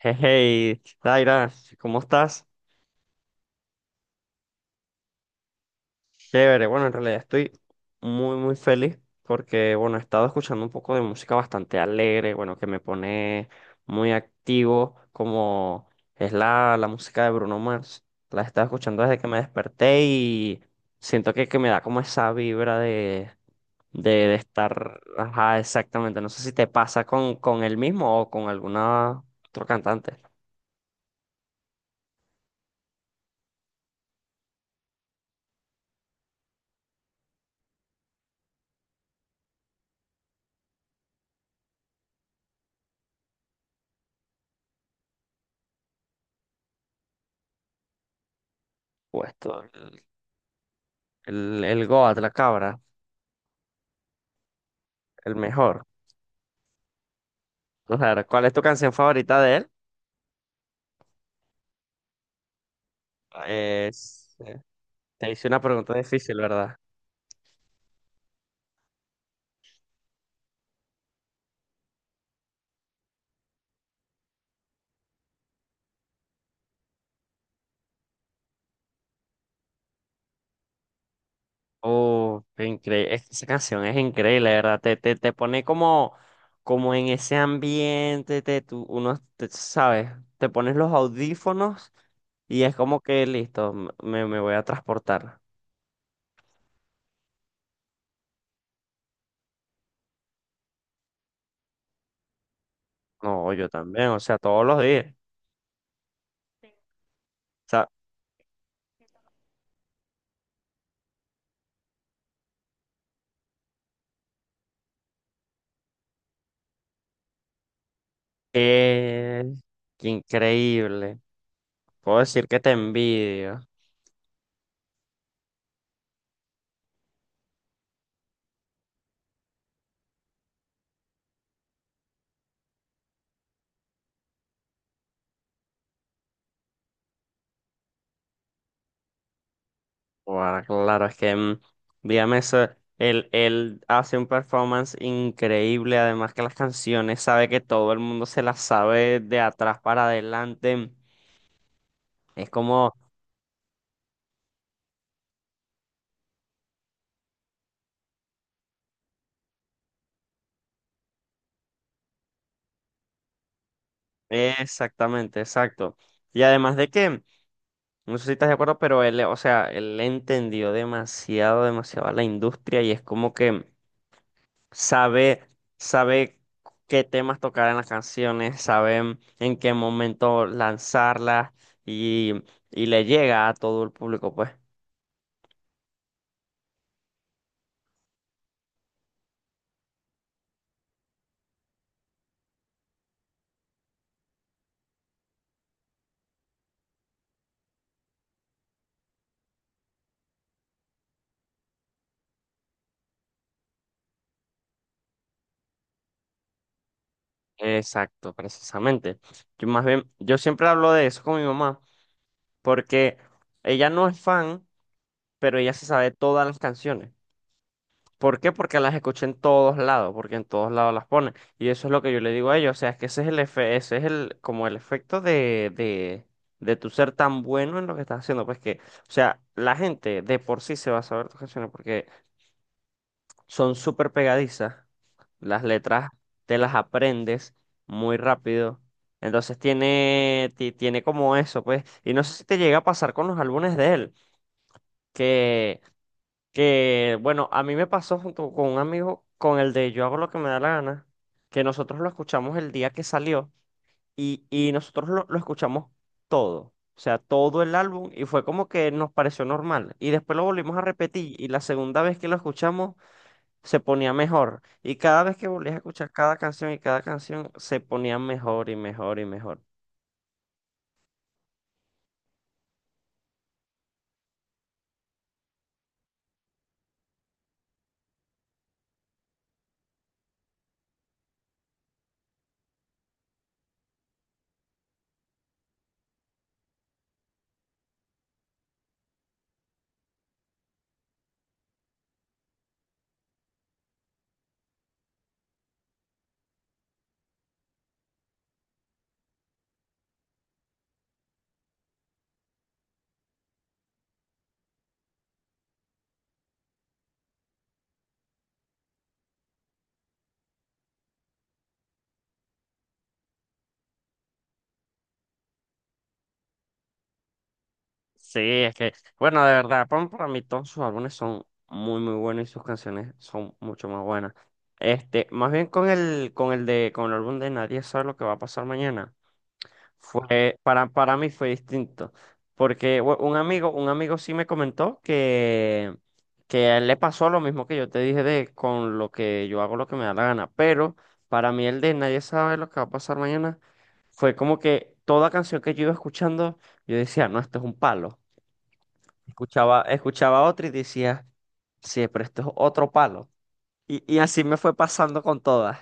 Hey, hey, Daira, ¿cómo estás? Chévere, bueno, en realidad estoy muy, muy feliz porque, bueno, he estado escuchando un poco de música bastante alegre, bueno, que me pone muy activo, como es la música de Bruno Mars. La he estado escuchando desde que me desperté y siento que me da como esa vibra de estar, ajá, exactamente. No sé si te pasa con él mismo o con alguna otro cantante. Puesto, el Goat, la cabra. El mejor. Vamos a ver, ¿cuál es tu canción favorita de él? Es- eh, Te hice una pregunta difícil, ¿verdad? Oh, increíble. Esa canción es increíble, ¿verdad? Te pone como, como en ese ambiente, te, tú, uno, te- ¿sabes? Te pones los audífonos y es como que listo, me voy a transportar. No, yo también, o sea, todos los días. O sea, eh, qué increíble. Puedo decir que te envidio. Bueno, claro, es que dígame eso, él hace un performance increíble, además que las canciones sabe que todo el mundo se las sabe de atrás para adelante. Es como, exactamente, exacto. Y además de que, no sé si estás de acuerdo, pero él, o sea, él entendió demasiado, demasiado a la industria y es como que sabe, sabe qué temas tocar en las canciones, sabe en qué momento lanzarlas y, y le llega a todo el público, pues. Exacto, precisamente. Yo más bien, yo siempre hablo de eso con mi mamá, porque ella no es fan, pero ella se sabe todas las canciones. ¿Por qué? Porque las escuché en todos lados, porque en todos lados las ponen. Y eso es lo que yo le digo a ellos. O sea, es que ese es el, como el efecto de tu ser tan bueno en lo que estás haciendo. Pues que, o sea, la gente de por sí se va a saber tus canciones porque son súper pegadizas. Las letras te las aprendes muy rápido. Entonces tiene como eso, pues. Y no sé si te llega a pasar con los álbumes de él, que que bueno, a mí me pasó junto con un amigo con el de Yo hago lo que me da la gana, que nosotros lo escuchamos el día que salió y nosotros lo escuchamos todo, o sea, todo el álbum y fue como que nos pareció normal. Y después lo volvimos a repetir y la segunda vez que lo escuchamos se ponía mejor. Y cada vez que volvías a escuchar cada canción y cada canción se ponía mejor y mejor y mejor. Sí, es que, bueno, de verdad, Pon para mí todos sus álbumes son muy, muy buenos y sus canciones son mucho más buenas. Este, más bien con el con el álbum de Nadie sabe lo que va a pasar mañana. Fue, para mí fue distinto. Porque un amigo sí me comentó que a él le pasó lo mismo que yo te dije de con lo que yo hago lo que me da la gana. Pero para mí el de Nadie sabe lo que va a pasar mañana fue como que toda canción que yo iba escuchando, yo decía, no, esto es un palo. Escuchaba, escuchaba otro y decía, sí, pero esto es otro palo. Y así me fue pasando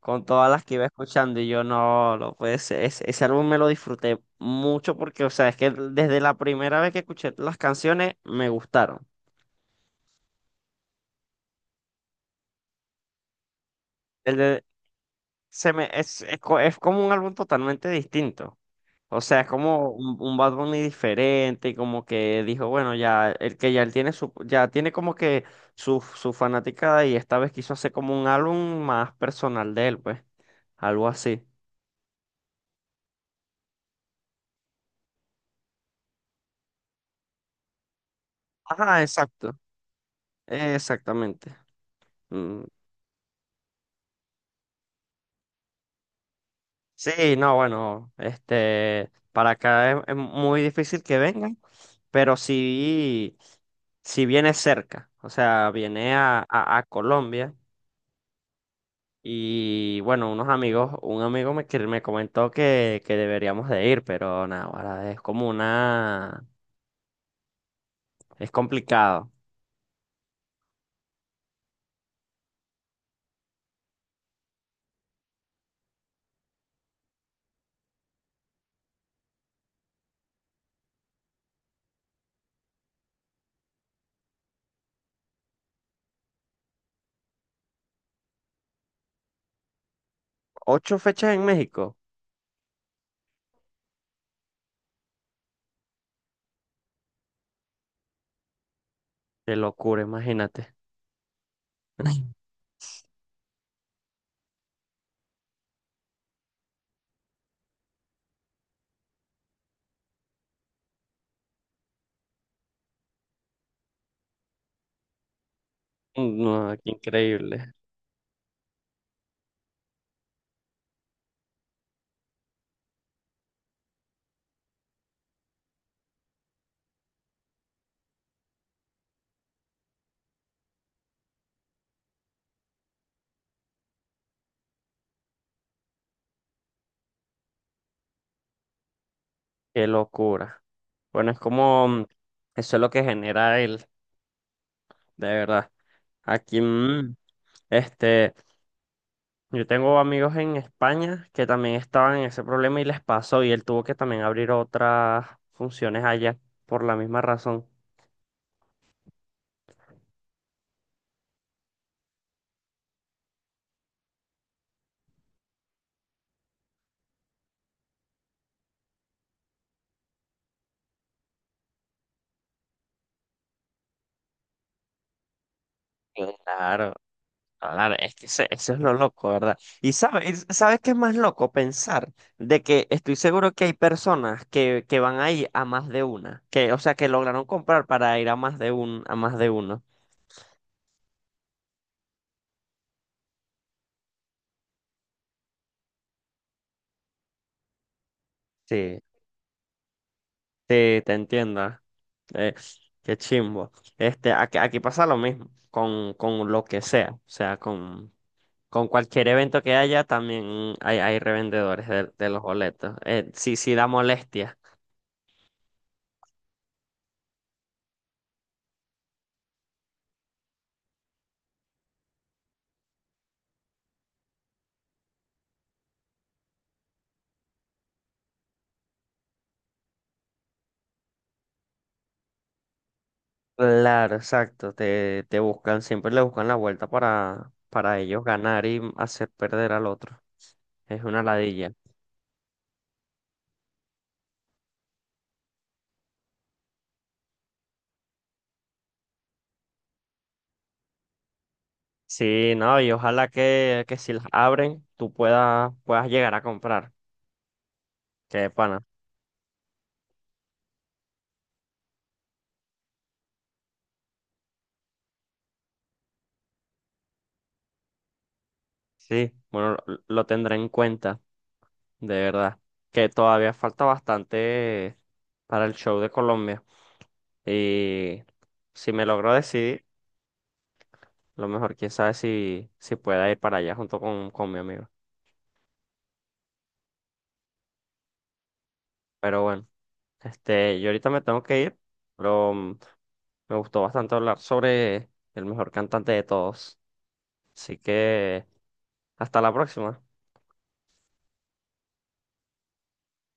con todas las que iba escuchando. Y yo, no, no puede ser. Ese álbum me lo disfruté mucho porque, o sea, es que desde la primera vez que escuché las canciones me gustaron. El de- se me, es, co- Es como un álbum totalmente distinto. O sea, es como un Bad Bunny diferente, y como que dijo, bueno, ya, el que ya él tiene ya tiene como que su fanaticada y esta vez quiso hacer como un álbum más personal de él, pues, algo así. Ajá, exacto, exactamente. Mm. Sí, no, bueno, este, para acá es muy difícil que vengan, pero si viene cerca, o sea, viene a Colombia y bueno, unos amigos, un amigo me, que me comentó que deberíamos de ir, pero nada, ahora es como una, es complicado. Ocho fechas en México, qué locura, imagínate. No, qué increíble, qué locura. Bueno, es como, eso es lo que genera él, de verdad. Aquí, este, yo tengo amigos en España que también estaban en ese problema y les pasó y él tuvo que también abrir otras funciones allá por la misma razón. Claro, claro, es que eso es lo loco, ¿verdad? Y sabes, ¿sabes qué es más loco? Pensar de que estoy seguro que hay personas que van ahí a más de una, que, o sea, que lograron comprar para ir a más de un, a más de uno. Sí. Sí, te entiendo. Eh, Qué chimbo. Este, aquí, aquí pasa lo mismo con lo que sea. O sea, con cualquier evento que haya, también hay revendedores de los boletos. Sí, sí da molestia. Claro, exacto. Te buscan, siempre le buscan la vuelta para ellos ganar y hacer perder al otro. Es una ladilla. Sí, no, y ojalá que si las abren, tú puedas, puedas llegar a comprar. Qué pana. Sí, bueno, lo tendré en cuenta, de verdad, que todavía falta bastante para el show de Colombia. Y si me logro decidir, lo mejor, quién sabe si, si pueda ir para allá con mi amigo. Pero bueno, este, yo ahorita me tengo que ir, pero me gustó bastante hablar sobre el mejor cantante de todos. Así que hasta la próxima.